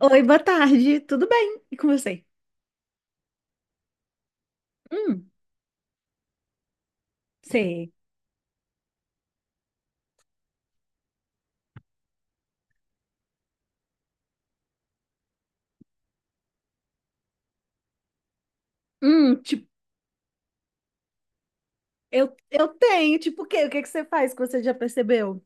Oi, boa tarde, tudo bem? E com você? Hum, sei. Tipo, eu tenho, tipo, o quê? O que que você faz que você já percebeu?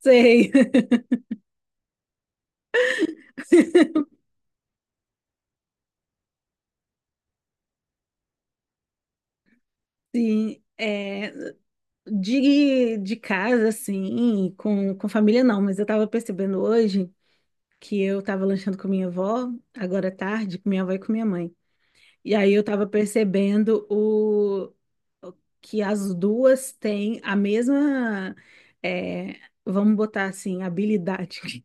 Sei. Sim, é, de casa, assim, com família não, mas eu tava percebendo hoje que eu tava lanchando com minha avó, agora à tarde, com minha avó e com minha mãe. E aí eu tava percebendo o- que as duas têm a mesma, é, vamos botar assim, habilidade.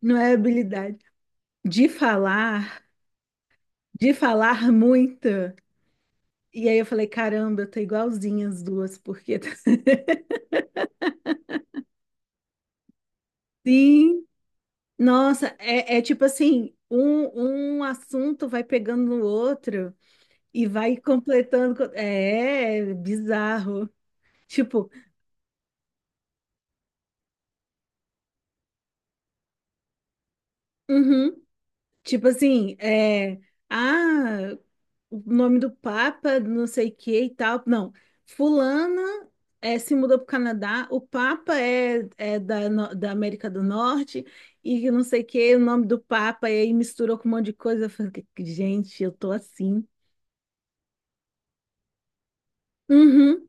Não é habilidade. De falar, de falar muito. E aí eu falei, caramba, eu tô igualzinha as duas, porque sim, nossa, é, é tipo assim, um assunto vai pegando no outro e vai completando. É, é bizarro. Tipo, uhum. Tipo assim, é, ah, o nome do Papa, não sei o que e tal. Não, fulana é, se mudou para o Canadá, o Papa é, é da, no- da América do Norte e não sei o que, o nome do Papa, e aí misturou com um monte de coisa. Eu falei, gente, eu tô assim. Uhum.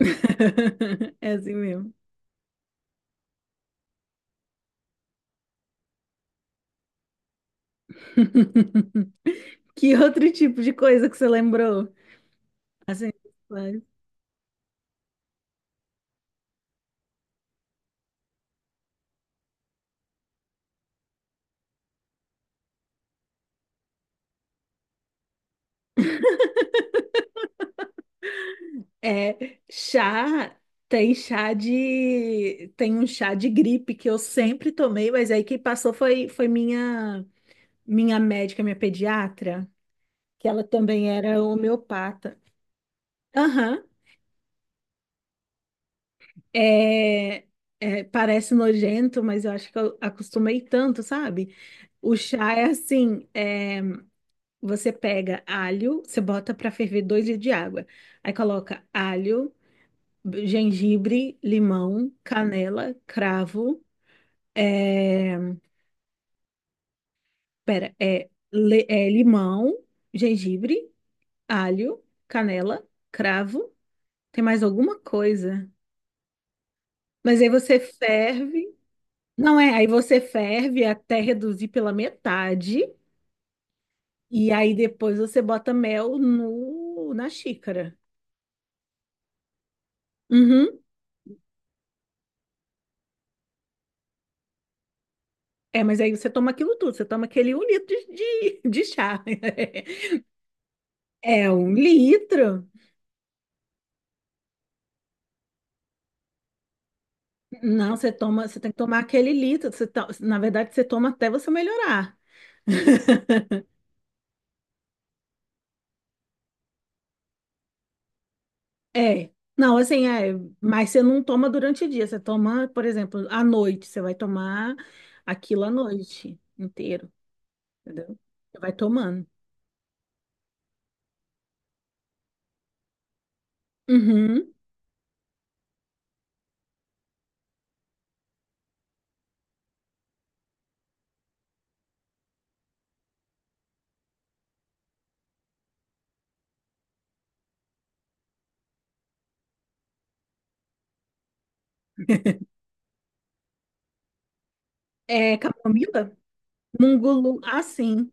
É assim mesmo. Que outro tipo de coisa que você lembrou? Assim, é, chá, tem um chá de gripe que eu sempre tomei, mas aí quem passou foi, minha médica, minha pediatra, que ela também era homeopata. Aham, é, é, parece nojento, mas eu acho que eu acostumei tanto, sabe? O chá é assim, é, você pega alho, você bota para ferver 2 litros de água, aí coloca alho, gengibre, limão, canela, cravo. É, pera, é, é limão, gengibre, alho, canela, cravo. Tem mais alguma coisa? Mas aí você ferve. Não é, aí você ferve até reduzir pela metade. E aí depois você bota mel no, na xícara. Uhum. É, mas aí você toma aquilo tudo. Você toma aquele 1 litro de, de chá. É 1 litro. Não, você toma, você tem que tomar aquele litro. Na verdade, você toma até você melhorar. É. Não, assim, é, mas você não toma durante o dia, você toma, por exemplo, à noite, você vai tomar aquilo à noite inteiro, entendeu? Você vai tomando. Uhum. É camomila? Mungulu, ah, sim,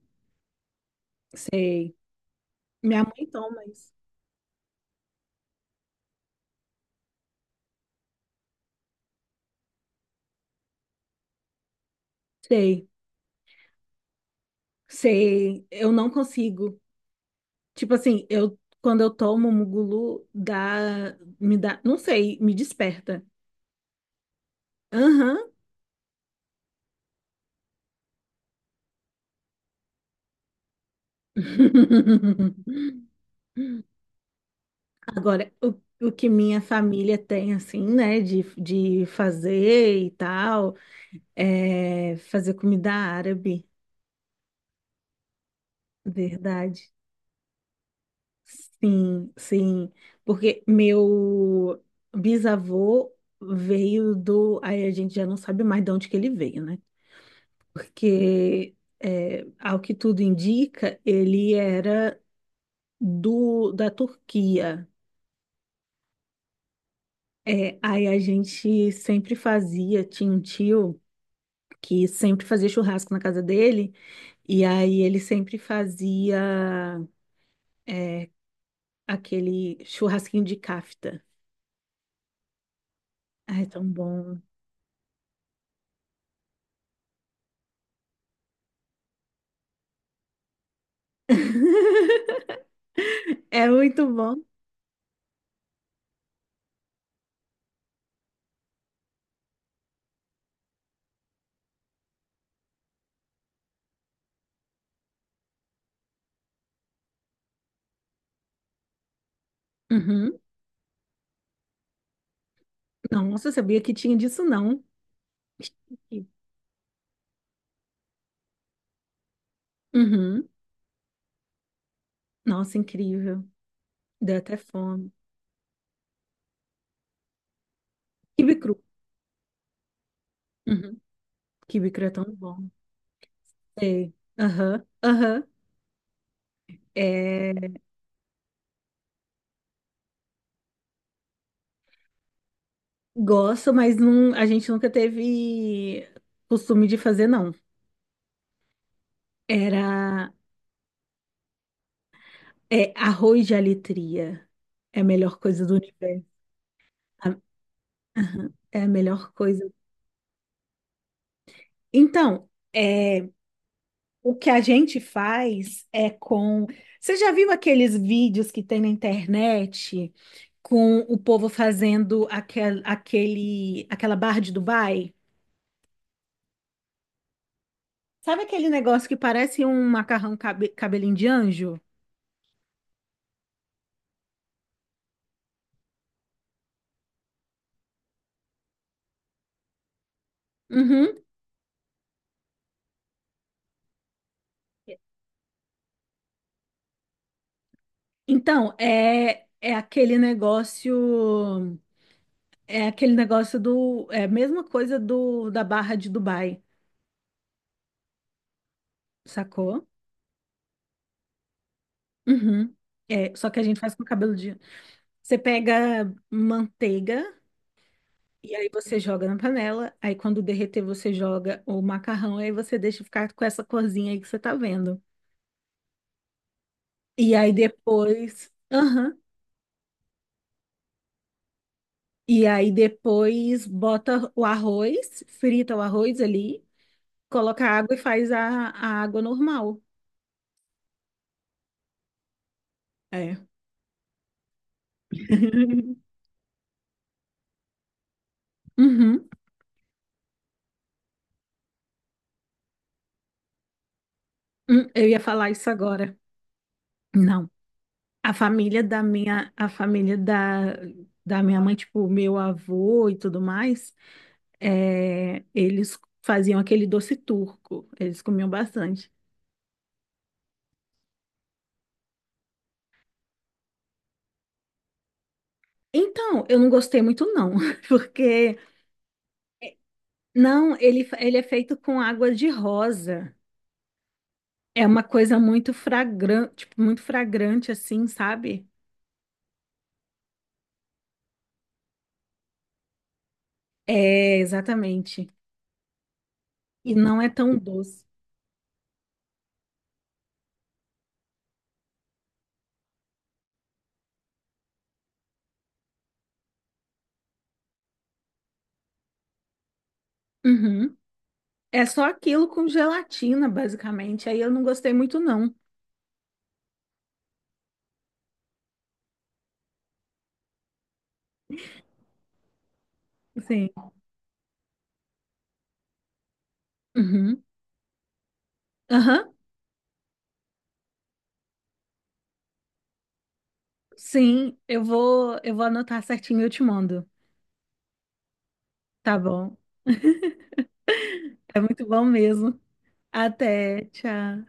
sei. Minha mãe toma isso. Sei, eu não consigo. Tipo assim, eu quando eu tomo mungulu, me dá, não sei, me desperta. Aham. Agora, o que minha família tem, assim, né, de fazer e tal, é fazer comida árabe, verdade. Sim, sim. Porque meu bisavô veio do... Aí a gente já não sabe mais de onde que ele veio, né? Porque, é, ao que tudo indica, ele era da Turquia. É, aí a gente sempre fazia, tinha um tio que sempre fazia churrasco na casa dele, e aí ele sempre fazia é, aquele churrasquinho de cafta. Ai, é tão bom. É muito bom. Uhum. Nossa, eu sabia que tinha disso, não. Uhum. Nossa, incrível. Deu até fome. Quibe cru. Uhum. Quibe cru é tão bom. Sei. Aham, aham. É, gosto, mas não, a gente nunca teve costume de fazer, não. Era... é arroz de alitria. É a melhor coisa do universo. A- É a melhor coisa. Então, é, o que a gente faz é com... Você já viu aqueles vídeos que tem na internet com o povo fazendo aquela barra de Dubai? Sabe aquele negócio que parece um macarrão cabelinho de anjo? Uhum. Então, é, é aquele negócio. É aquele negócio do... É a mesma coisa do da barra de Dubai, sacou? Uhum. É, só que a gente faz com cabelo de... Você pega manteiga e aí você joga na panela. Aí quando derreter, você joga o macarrão. Aí você deixa ficar com essa corzinha aí que você tá vendo. E aí depois. Aham. E aí depois bota o arroz, frita o arroz ali, coloca água e faz a água normal. É. Uhum. Eu ia falar isso agora. Não. A família da, da minha mãe, tipo, meu avô e tudo mais, é, eles faziam aquele doce turco, eles comiam bastante. Então, eu não gostei muito não, porque não, ele é feito com água de rosa. É uma coisa muito fragrante, tipo, muito fragrante assim, sabe? É, exatamente. E não é tão doce. Uhum. É só aquilo com gelatina, basicamente. Aí eu não gostei muito não. Assim, uhum. Aham. Sim, eu vou anotar certinho e eu te mando. Tá bom. É muito bom mesmo. Até, tchau.